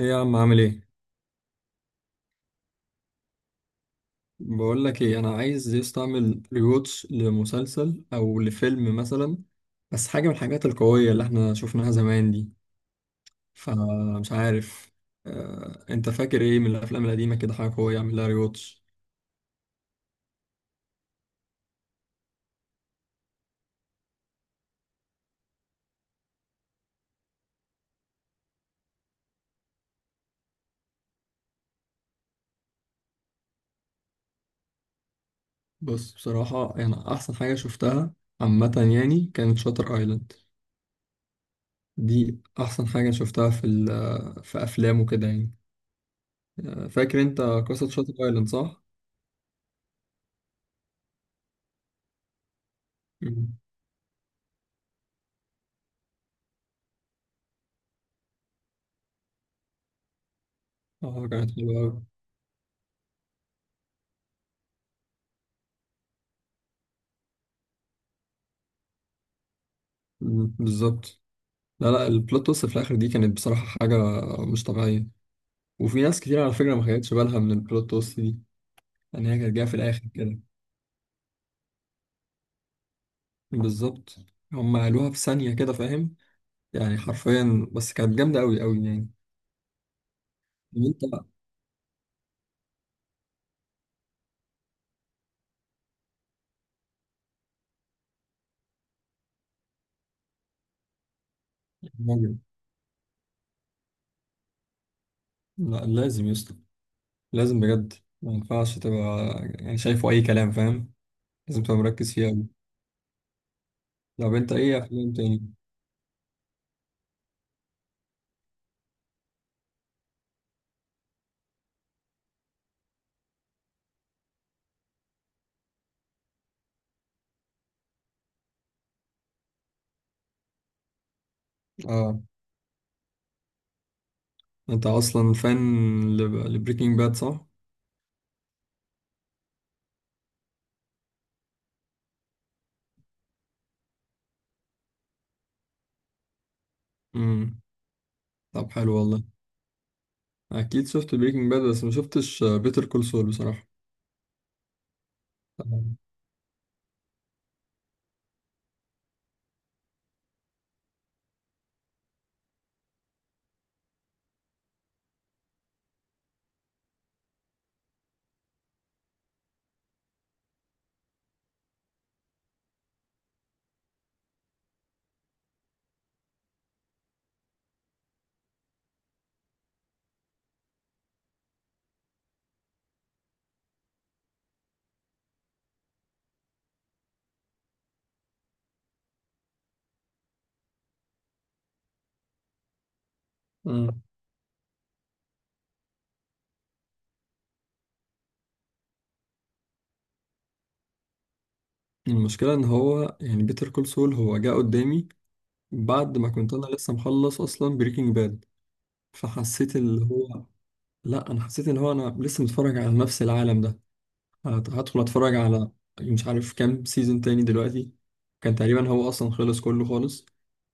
ايه يا عم، عامل ايه؟ بقول لك ايه، انا عايز يستعمل ريوتش لمسلسل او لفيلم مثلا، بس حاجه من الحاجات القويه اللي احنا شفناها زمان دي. فمش عارف. انت فاكر ايه من الافلام القديمه كده، حاجه قويه اعمل لها ريوتش؟ بص، بصراحه انا احسن حاجه شفتها عامه، يعني كانت شاتر ايلاند. دي احسن حاجه شفتها في افلام وكده يعني. فاكر انت قصه شاتر ايلاند، صح؟ مم. اه، كانت حلوه أوي. مم، بالظبط. لا لا، البلوت توست في الاخر دي كانت بصراحه حاجه مش طبيعيه. وفي ناس كتير على فكره ما خدتش بالها من البلوت توست دي. يعني هي كانت جايه في الاخر كده. بالظبط. هم قالوها في ثانيه كده، فاهم؟ يعني حرفيا، بس كانت جامده قوي قوي يعني. إن انت راجل. لا، لازم يسطا، لازم بجد. ما ينفعش تبقى يعني شايفه اي كلام، فاهم؟ لازم تبقى مركز فيها قوي. طب انت ايه افلام تاني؟ اه، انت اصلا فان لبريكنج باد، صح؟ امم. طب حلو والله. اكيد شفت بريكنج باد، بس ما شفتش بيتر كول سول بصراحه. تمام. مم. المشكله ان هو يعني بيتر كول سول هو جه قدامي بعد ما كنت انا لسه مخلص اصلا بريكنج باد. فحسيت اللي هو، لا، انا حسيت ان هو انا لسه متفرج على نفس العالم ده. هدخل اتفرج على مش عارف كام سيزون تاني دلوقتي. كان تقريبا هو اصلا خلص كله خالص.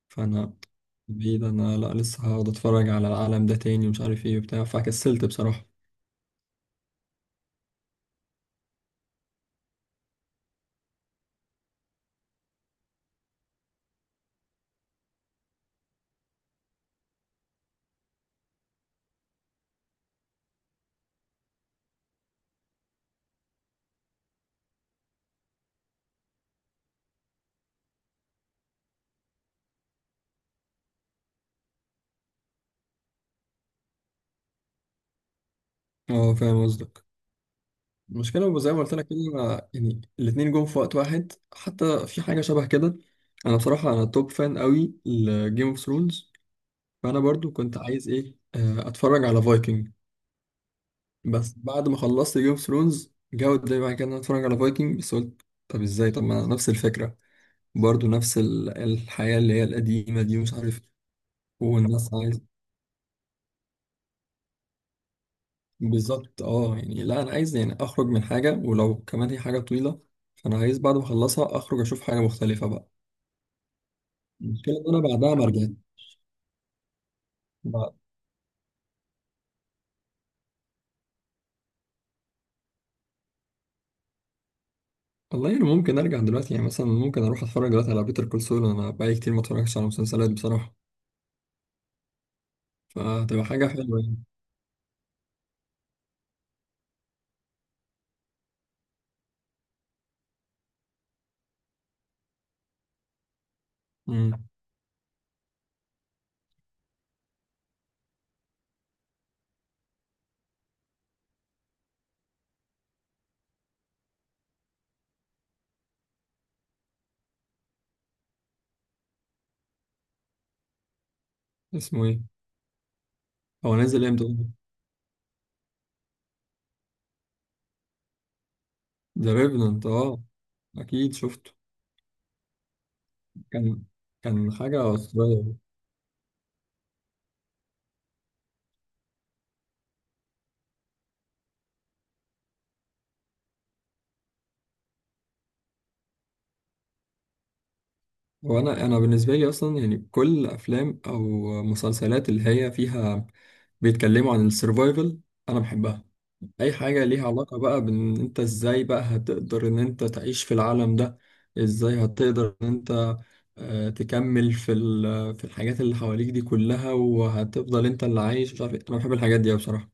فانا بعيد، انا لا لسه هقعد اتفرج على العالم ده تاني ومش عارف ايه وبتاع، فكسلت بصراحه. اه، فاهم قصدك. المشكلة هو زي ما قلت لك كده. يعني الاتنين جم في وقت واحد، حتى في حاجة شبه كده. أنا بصراحة أنا توب فان قوي لجيم اوف ثرونز. فأنا برضو كنت عايز إيه، أتفرج على فايكنج. بس بعد ما خلصت جيم اوف ثرونز جه قدامي بعد كده إن أنا أتفرج على فايكنج، بس قلت طب إزاي، طب ما نفس الفكرة، برضو نفس الحياة اللي هي القديمة دي، ومش عارف. والناس عايز. بالظبط اه، يعني لا، أنا عايز يعني أخرج من حاجة ولو كمان هي حاجة طويلة. فأنا عايز بعد ما أخلصها أخرج أشوف حاجة مختلفة بقى. المشكلة إن أنا بعدها ما رجعت. بعد- والله أنا ممكن أرجع دلوقتي، يعني مثلا ممكن أروح أتفرج دلوقتي على بيتر كول سول. أنا بقالي كتير ما اتفرجتش على مسلسلات بصراحة، فهتبقى حاجة حلوة يعني. امم. اسمه إيه؟ هو نازل إمتى؟ ذا ريفننت، أه. أكيد شفته. كان كان حاجة أسطورية. هو أنا بالنسبة لي أصلا يعني كل أفلام أو مسلسلات اللي هي فيها بيتكلموا عن السرفايفل أنا بحبها. اي حاجة ليها علاقة بقى بان انت ازاي بقى هتقدر ان انت تعيش في العالم ده، ازاي هتقدر ان انت تكمل في الحاجات اللي حواليك دي كلها وهتفضل انت اللي عايش مش عارف إيه. انا بحب الحاجات دي أوي بصراحة.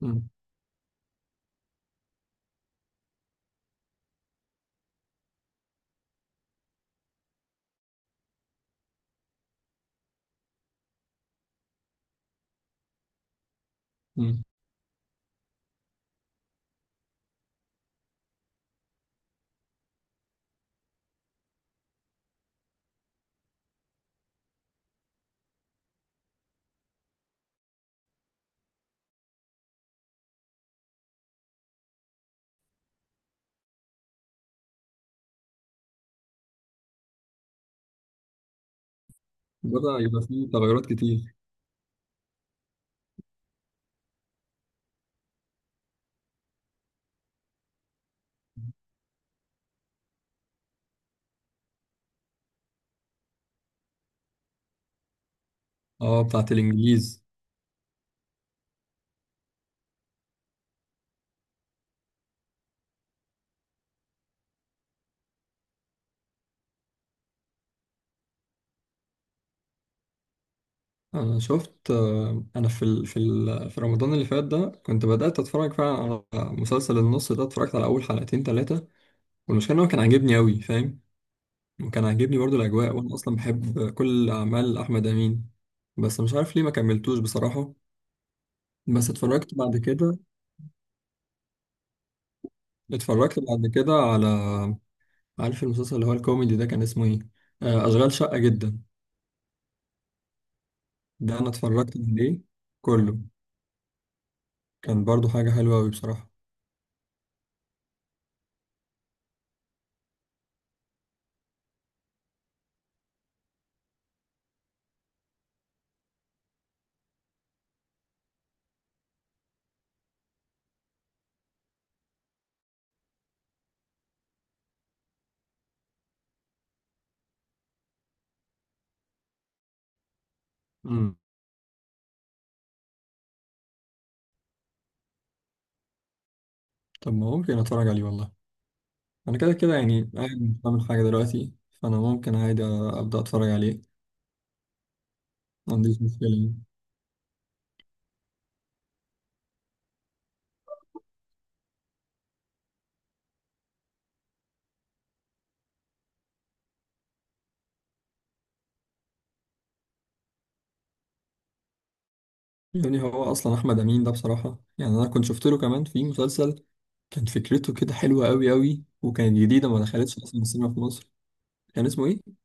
مم. مم. بدأ يبقى فيه تغيرات كتير. اه، بتاعت الانجليز. انا شفت، انا في رمضان اللي فات ده كنت بدأت اتفرج فعلا على مسلسل النص ده. اتفرجت على اول حلقتين ثلاثة، والمشكلة ان هو كان عاجبني أوي، فاهم؟ كان عاجبني برضو الأجواء، وأنا أصلا بحب كل أعمال أحمد أمين. بس مش عارف ليه ما كملتوش بصراحة. بس اتفرجت بعد كده على، عارف المسلسل اللي هو الكوميدي ده كان اسمه إيه؟ أشغال شقة جدا. ده أنا اتفرجت عليه كله، كان برضو حاجة حلوة أوي بصراحة. مم. طب ما ممكن أتفرج عليه والله. أنا كده كده يعني قاعد مش بعمل حاجة دلوقتي، فأنا ممكن عادي أبدأ أتفرج عليه، ما عنديش مشكلة يعني. يعني هو أصلا أحمد أمين ده بصراحة، يعني أنا كنت شفت له كمان في مسلسل كان فكرته كده حلوة أوي أوي، وكانت جديدة ما دخلتش أصلا السينما في مصر. كان اسمه إيه؟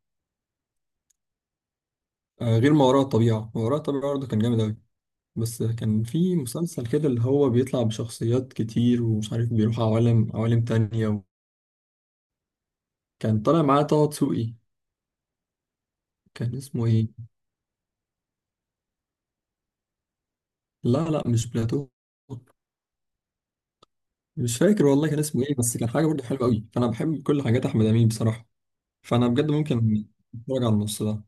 آه، غير ما وراء الطبيعة. ما وراء الطبيعة برضه كان جامد أوي، بس كان في مسلسل كده اللي هو بيطلع بشخصيات كتير، ومش عارف بيروح عوالم عوالم تانية و... كان طالع معاه طه دسوقي. كان اسمه إيه؟ لا لا، مش بلاتو. مش فاكر والله كان اسمه إيه، بس كان حاجة برضه حلوة أوي، فأنا بحب كل حاجات أحمد أمين بصراحة. فأنا بجد ممكن أتفرج على النص ده.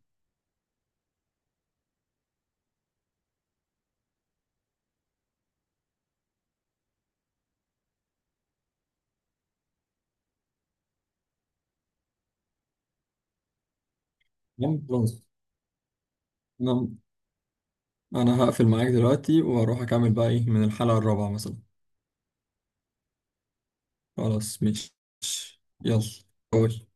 جامد خلاص. انا هقفل معاك دلوقتي واروح اكمل بقى ايه من الحلقة الرابعة مثلا. خلاص مش. يلا. باي.